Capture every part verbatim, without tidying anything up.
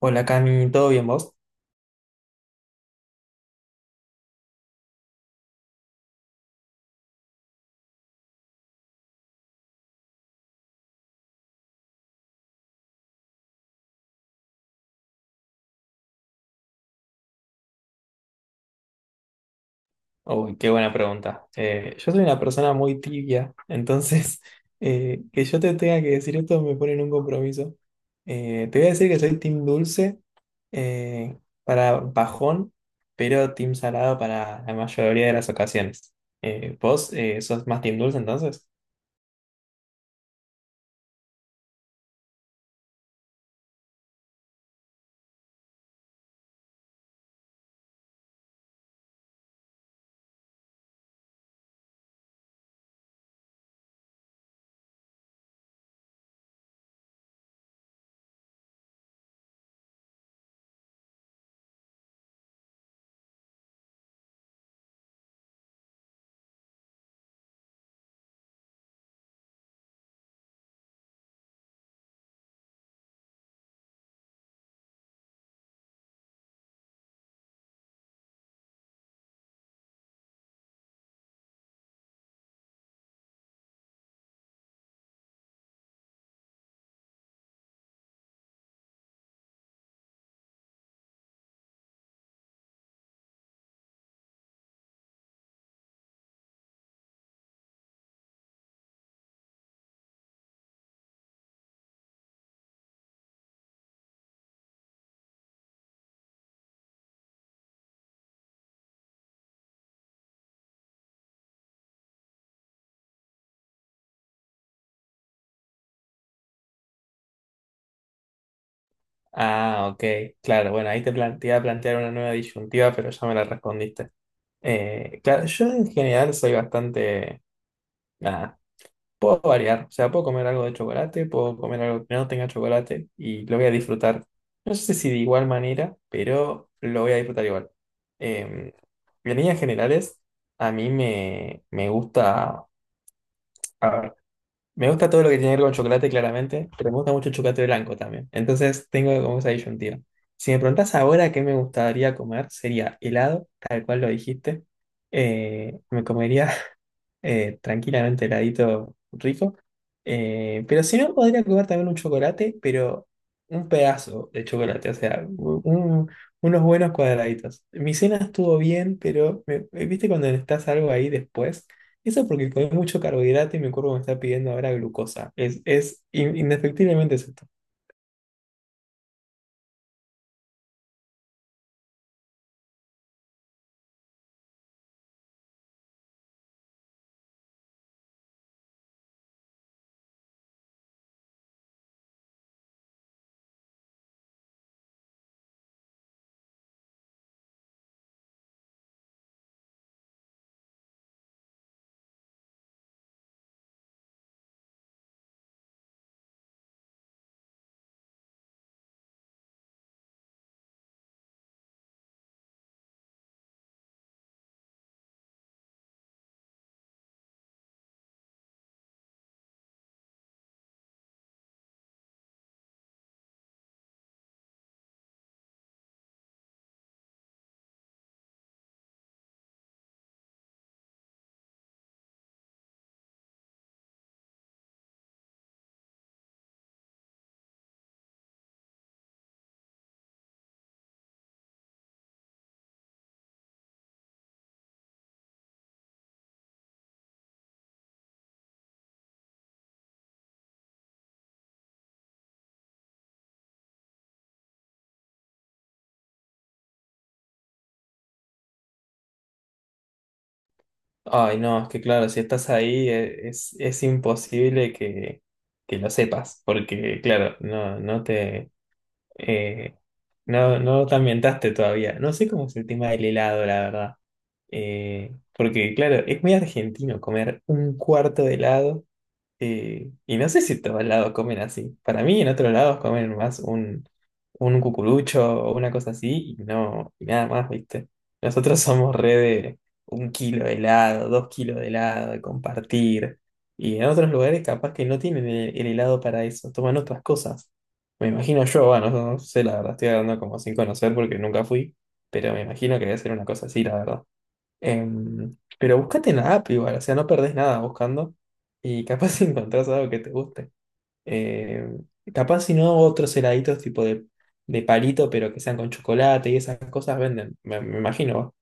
Hola Cami, ¿todo bien vos? Uy, qué buena pregunta. Eh, yo soy una persona muy tibia, entonces eh, que yo te tenga que decir esto me pone en un compromiso. Eh, te voy a decir que soy team dulce eh, para bajón, pero team salado para la mayoría de las ocasiones. Eh, ¿vos eh, sos más team dulce entonces? Ah, ok, claro, bueno, ahí te, plan- te iba a plantear una nueva disyuntiva, pero ya me la respondiste. Eh, claro, yo en general soy bastante... nada, puedo variar, o sea, puedo comer algo de chocolate, puedo comer algo que no tenga chocolate y lo voy a disfrutar. No sé si de igual manera, pero lo voy a disfrutar igual. Eh, en líneas generales, a mí me, me gusta, a me gusta todo lo que tiene que ver con chocolate, claramente, pero me gusta mucho el chocolate blanco también. Entonces tengo como esa disyuntiva. Si me preguntás ahora qué me gustaría comer, sería helado, tal cual lo dijiste. Eh, me comería eh, tranquilamente heladito rico. Eh, pero si no, podría comer también un chocolate, pero un pedazo de chocolate, o sea, u- un- unos buenos cuadraditos. Mi cena estuvo bien, pero me- eh, viste cuando necesitas algo ahí después. Eso porque comí mucho carbohidrato y mi cuerpo me está pidiendo ahora glucosa. Es, es in- indefectiblemente es esto. Ay, no, es que claro, si estás ahí eh, es, es imposible que, que lo sepas, porque claro, no, no te eh, no, no te ambientaste todavía. No sé cómo es el tema del helado, la verdad. Eh, porque claro, es muy argentino comer un cuarto de helado. Eh, y no sé si en todos lados comen así. Para mí, en otros lados comen más un, un cucurucho o una cosa así y no, y nada más, ¿viste? Nosotros somos re de un kilo de helado, dos kilos de helado, de compartir. Y en otros lugares capaz que no tienen el, el helado para eso, toman otras cosas. Me imagino yo, bueno, no sé, la verdad, estoy hablando como sin conocer porque nunca fui, pero me imagino que debe ser una cosa así, la verdad. Em, pero búscate en la app igual, o sea, no perdés nada buscando y capaz si encontrás algo que te guste. Em, Capaz si no, otros heladitos tipo de, de palito, pero que sean con chocolate y esas cosas venden, me, me imagino. Va.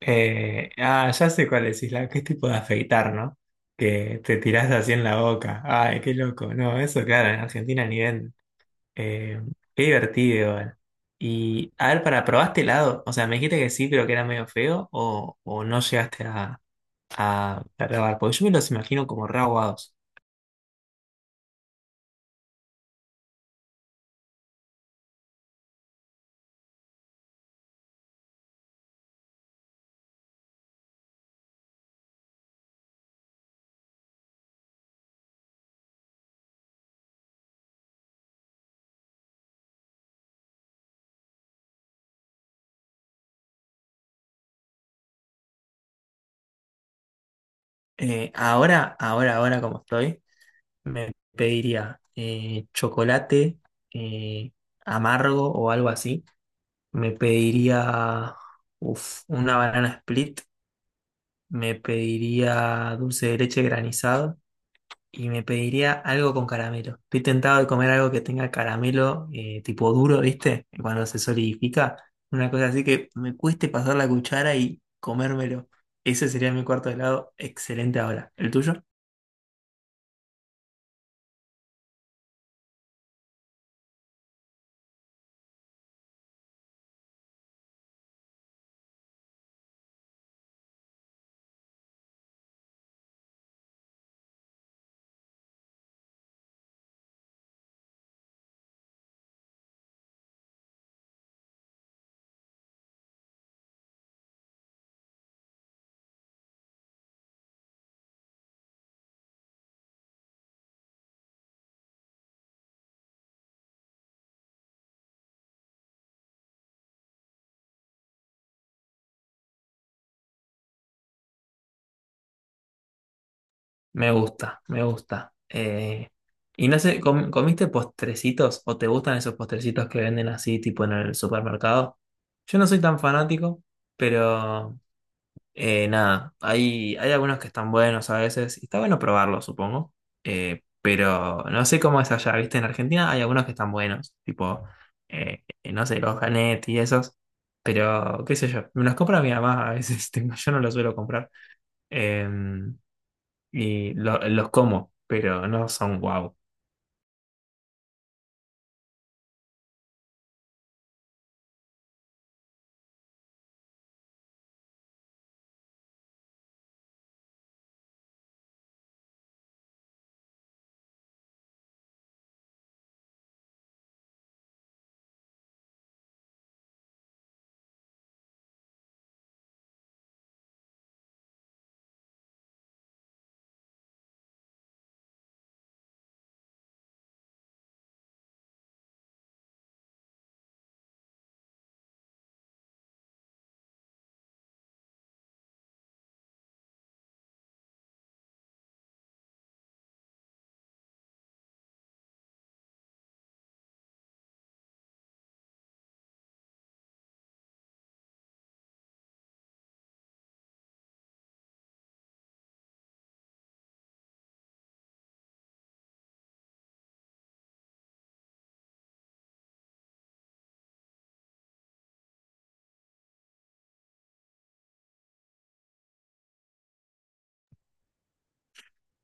Eh, ah, ya sé cuál es, Isla, qué tipo de afeitar, ¿no? Que te tirás así en la boca. Ay, qué loco. No, eso, claro, en Argentina ni ven. Eh, qué divertido, igual. Y, a ver, para, ¿probaste helado? O sea, me dijiste que sí, pero que era medio feo, o, o no llegaste a, a grabar, porque yo me los imagino como re aguados. Eh, ahora, ahora, ahora como estoy, me pediría eh, chocolate eh, amargo o algo así. Me pediría uf, una banana split. Me pediría dulce de leche granizado. Y me pediría algo con caramelo. Estoy tentado de comer algo que tenga caramelo eh, tipo duro, ¿viste? Cuando se solidifica. Una cosa así que me cueste pasar la cuchara y comérmelo. Ese sería mi cuarto de helado. Excelente ahora. ¿El tuyo? Me gusta, me gusta. Eh, y no sé, ¿com- ¿comiste postrecitos o te gustan esos postrecitos que venden así tipo en el supermercado? Yo no soy tan fanático, pero Eh, nada, hay, hay algunos que están buenos a veces y está bueno probarlos, supongo. Eh, pero no sé cómo es allá, ¿viste? En Argentina hay algunos que están buenos, tipo, eh, eh, no sé, los Ganet y esos. Pero, qué sé yo, me los compra mi mamá a veces, tipo, yo no los suelo comprar. Eh, y lo- los como, pero no son guau.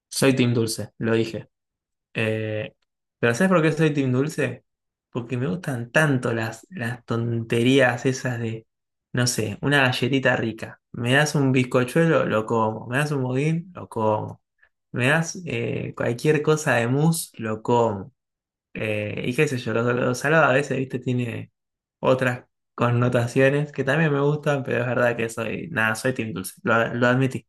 Soy team dulce, lo dije. Eh, pero ¿sabes por qué soy Team Dulce? Porque me gustan tanto las, las tonterías esas de, no sé, una galletita rica. Me das un bizcochuelo, lo como. Me das un budín, lo como. Me das eh, cualquier cosa de mousse, lo como. Eh, y qué sé yo, lo, lo salado a veces, viste, tiene otras connotaciones que también me gustan, pero es verdad que soy, nada, soy Team Dulce, lo, lo admití.